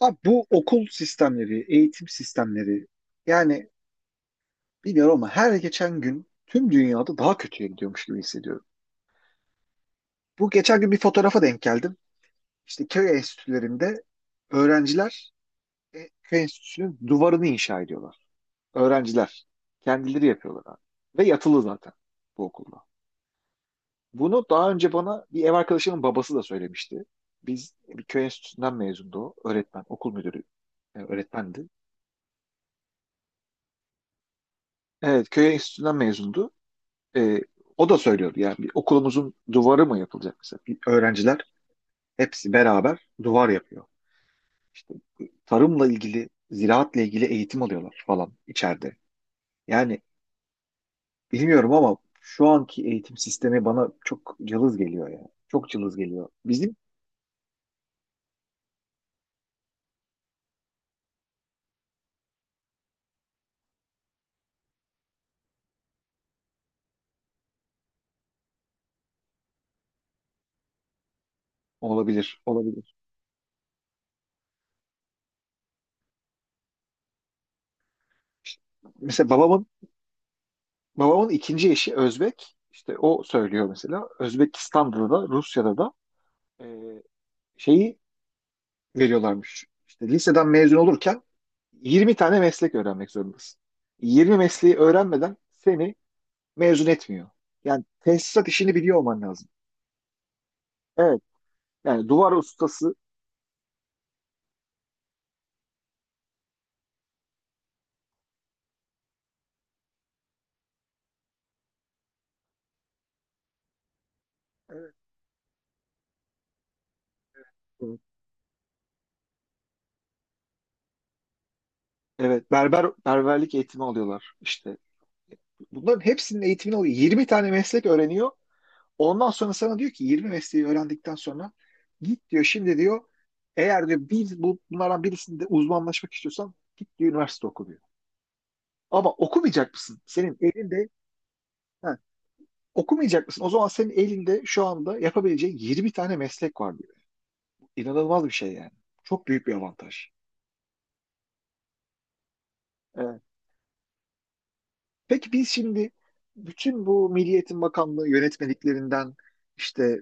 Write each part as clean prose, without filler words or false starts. Abi bu okul sistemleri, eğitim sistemleri yani bilmiyorum ama her geçen gün tüm dünyada daha kötüye gidiyormuş gibi hissediyorum. Bu geçen gün bir fotoğrafa denk geldim. İşte köy enstitülerinde öğrenciler köy enstitüsünün duvarını inşa ediyorlar. Öğrenciler kendileri yapıyorlar abi. Ve yatılı zaten bu okulda. Bunu daha önce bana bir ev arkadaşımın babası da söylemişti. Biz bir köy enstitüsünden mezundu o. Öğretmen, okul müdürü öğretmendi. Evet, köy enstitüsünden mezundu. e, O da söylüyordu yani bir okulumuzun duvarı mı yapılacak mesela? Bir öğrenciler hepsi beraber duvar yapıyor. İşte tarımla ilgili, ziraatla ilgili eğitim alıyorlar falan içeride. Yani bilmiyorum ama şu anki eğitim sistemi bana çok cılız geliyor ya. Çok cılız geliyor. Bizim olabilir, olabilir. İşte mesela babamın ikinci eşi Özbek. İşte o söylüyor mesela. Özbekistan'da da Rusya'da da e, şeyi veriyorlarmış. İşte liseden mezun olurken 20 tane meslek öğrenmek zorundasın. 20 mesleği öğrenmeden seni mezun etmiyor. Yani tesisat işini biliyor olman lazım. Evet. Yani duvar ustası, evet, evet, evet, berberlik eğitimi alıyorlar. İşte bunların hepsinin eğitimini alıyor. 20 tane meslek öğreniyor. Ondan sonra sana diyor ki 20 mesleği öğrendikten sonra git diyor şimdi diyor eğer diyor bunlardan birisinde uzmanlaşmak istiyorsan git diyor üniversite oku. Ama okumayacak mısın? Senin elinde ha, okumayacak mısın? O zaman senin elinde şu anda yapabileceğin 20 tane meslek var diyor. İnanılmaz bir şey yani. Çok büyük bir avantaj. Evet. Peki biz şimdi bütün bu Milli Eğitim Bakanlığı yönetmeliklerinden işte e,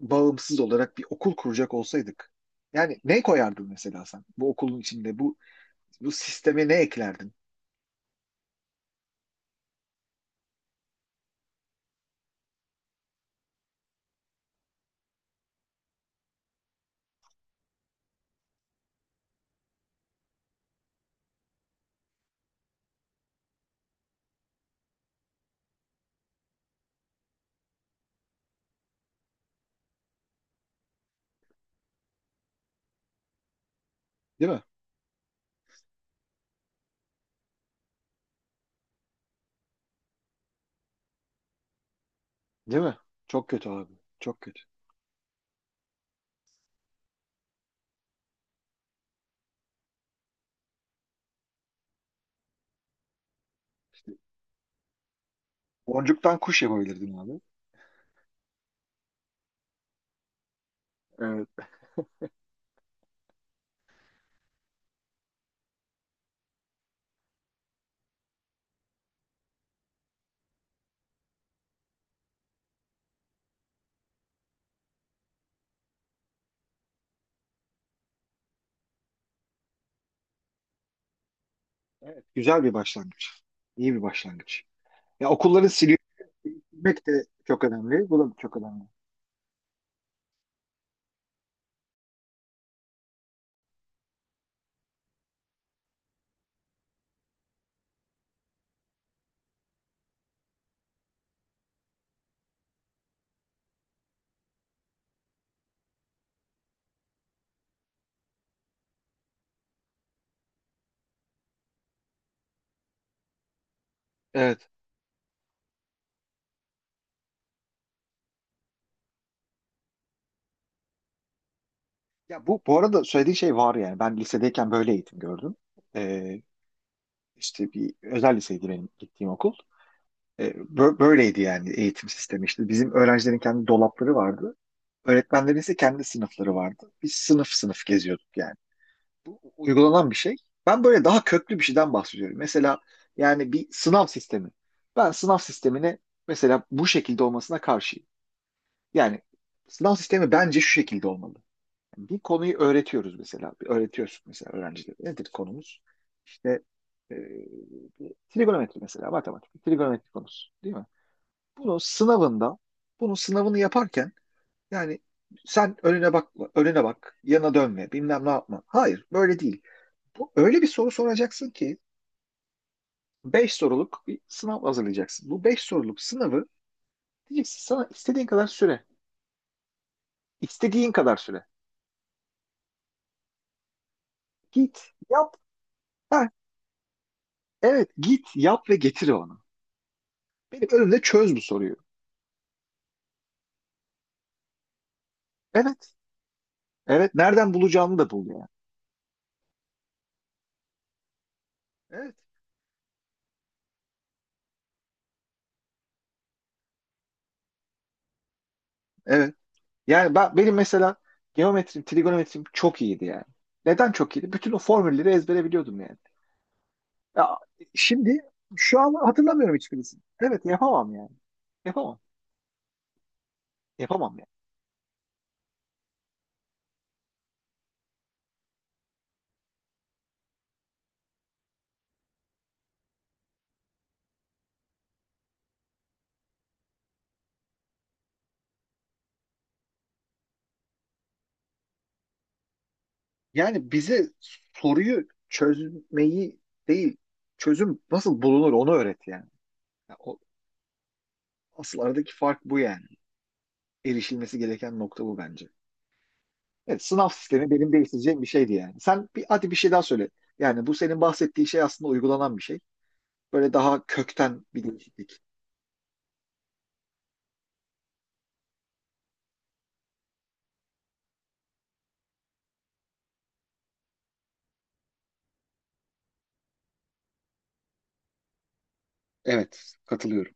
bağımsız olarak bir okul kuracak olsaydık yani ne koyardın mesela sen bu okulun içinde bu sisteme ne eklerdin? Değil mi? Değil mi? Çok kötü abi. Çok kötü. Boncuktan kuş yapabilirdin abi. Evet. Evet, güzel bir başlangıç. İyi bir başlangıç. Ya okulları siliyor- silmek de çok önemli. Bu da çok önemli. Evet. Ya bu arada söylediğin şey var yani. Ben lisedeyken böyle eğitim gördüm. Ee, işte bir özel liseydi benim gittiğim okul. Böyleydi yani eğitim sistemi. İşte. Bizim öğrencilerin kendi dolapları vardı. Öğretmenlerin ise kendi sınıfları vardı. Biz sınıf sınıf geziyorduk yani. Bu uygulanan bir şey. Ben böyle daha köklü bir şeyden bahsediyorum. Mesela yani bir sınav sistemi. Ben sınav sistemini mesela bu şekilde olmasına karşıyım. Yani sınav sistemi bence şu şekilde olmalı. Bir konuyu öğretiyoruz mesela. Bir öğretiyoruz mesela öğrencilere. Nedir konumuz? İşte e, Trigonometri mesela matematik. Trigonometri konusu değil mi? Bunu sınavında Bunun sınavını yaparken yani sen önüne bak, önüne bak, yana dönme, bilmem ne yapma. Hayır, böyle değil. Bu, öyle bir soru soracaksın ki 5 soruluk bir sınav hazırlayacaksın. Bu 5 soruluk sınavı diyeceksin sana istediğin kadar süre. İstediğin kadar süre. Git, yap. Ha, evet git, yap ve getir onu. Benim önümde çöz bu soruyu. Evet. Evet. Nereden bulacağını da bul yani. Evet. Evet. Yani benim mesela geometrim, trigonometrim çok iyiydi yani. Neden çok iyiydi? Bütün o formülleri ezbere biliyordum yani. Ya, şimdi şu an hatırlamıyorum hiçbirisini. Evet yapamam yani. Yapamam. Yapamam yani. Yani bize soruyu çözmeyi değil, çözüm nasıl bulunur onu öğret yani. Ya o, Asıl aradaki fark bu yani. Erişilmesi gereken nokta bu bence. Evet, sınav sistemi benim değiştireceğim bir şeydi yani. Sen bir, hadi bir şey daha söyle. Yani bu senin bahsettiğin şey aslında uygulanan bir şey. Böyle daha kökten bir değişiklik. Evet, katılıyorum.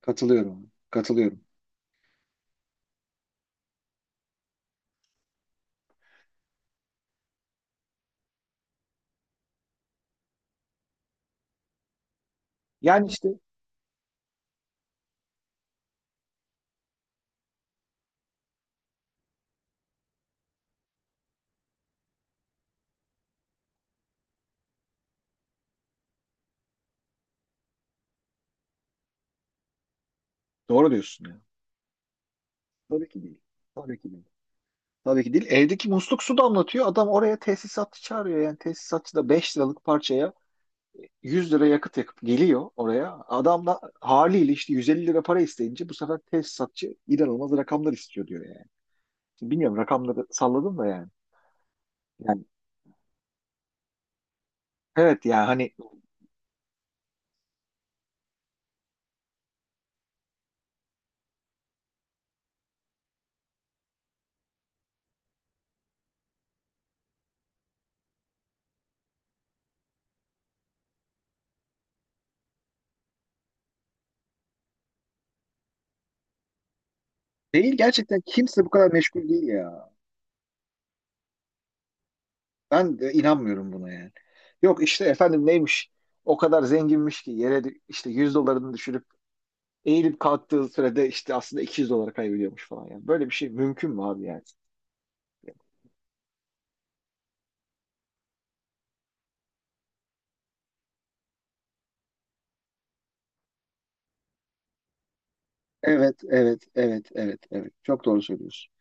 Katılıyorum. Katılıyorum. Yani işte doğru diyorsun ya. Tabii ki değil. Tabii ki değil. Tabii ki değil. Evdeki musluk su damlatıyor. Adam oraya tesisatçı çağırıyor. Yani tesisatçı da 5 liralık parçaya 100 lira yakıt yakıp geliyor oraya. Adam da haliyle işte 150 lira para isteyince bu sefer tesisatçı inanılmaz rakamlar istiyor diyor yani. Şimdi bilmiyorum rakamları salladım da yani. Yani evet ya hani değil gerçekten kimse bu kadar meşgul değil ya. Ben de inanmıyorum buna yani. Yok işte efendim neymiş o kadar zenginmiş ki yere işte 100 dolarını düşürüp eğilip kalktığı sürede işte aslında 200 dolar kaybediyormuş falan yani. Böyle bir şey mümkün mü abi yani? Evet, evet, evet, evet, evet. Çok doğru söylüyorsun.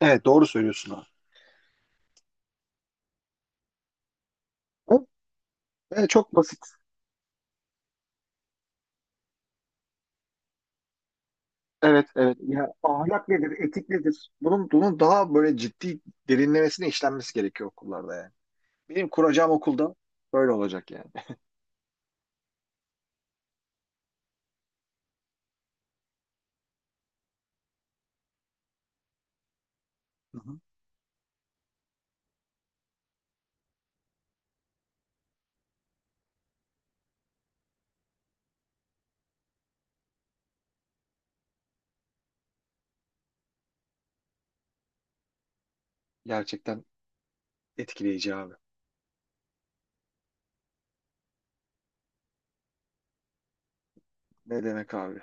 Evet, doğru söylüyorsun abi. Evet, evet, çok basit. Evet, evet. Ya ahlak nedir, etik nedir? Bunun, bunun daha böyle ciddi derinlemesine işlenmesi gerekiyor okullarda yani. Benim kuracağım okulda böyle olacak yani. Hı hı. Gerçekten etkileyici abi. Ne demek abi?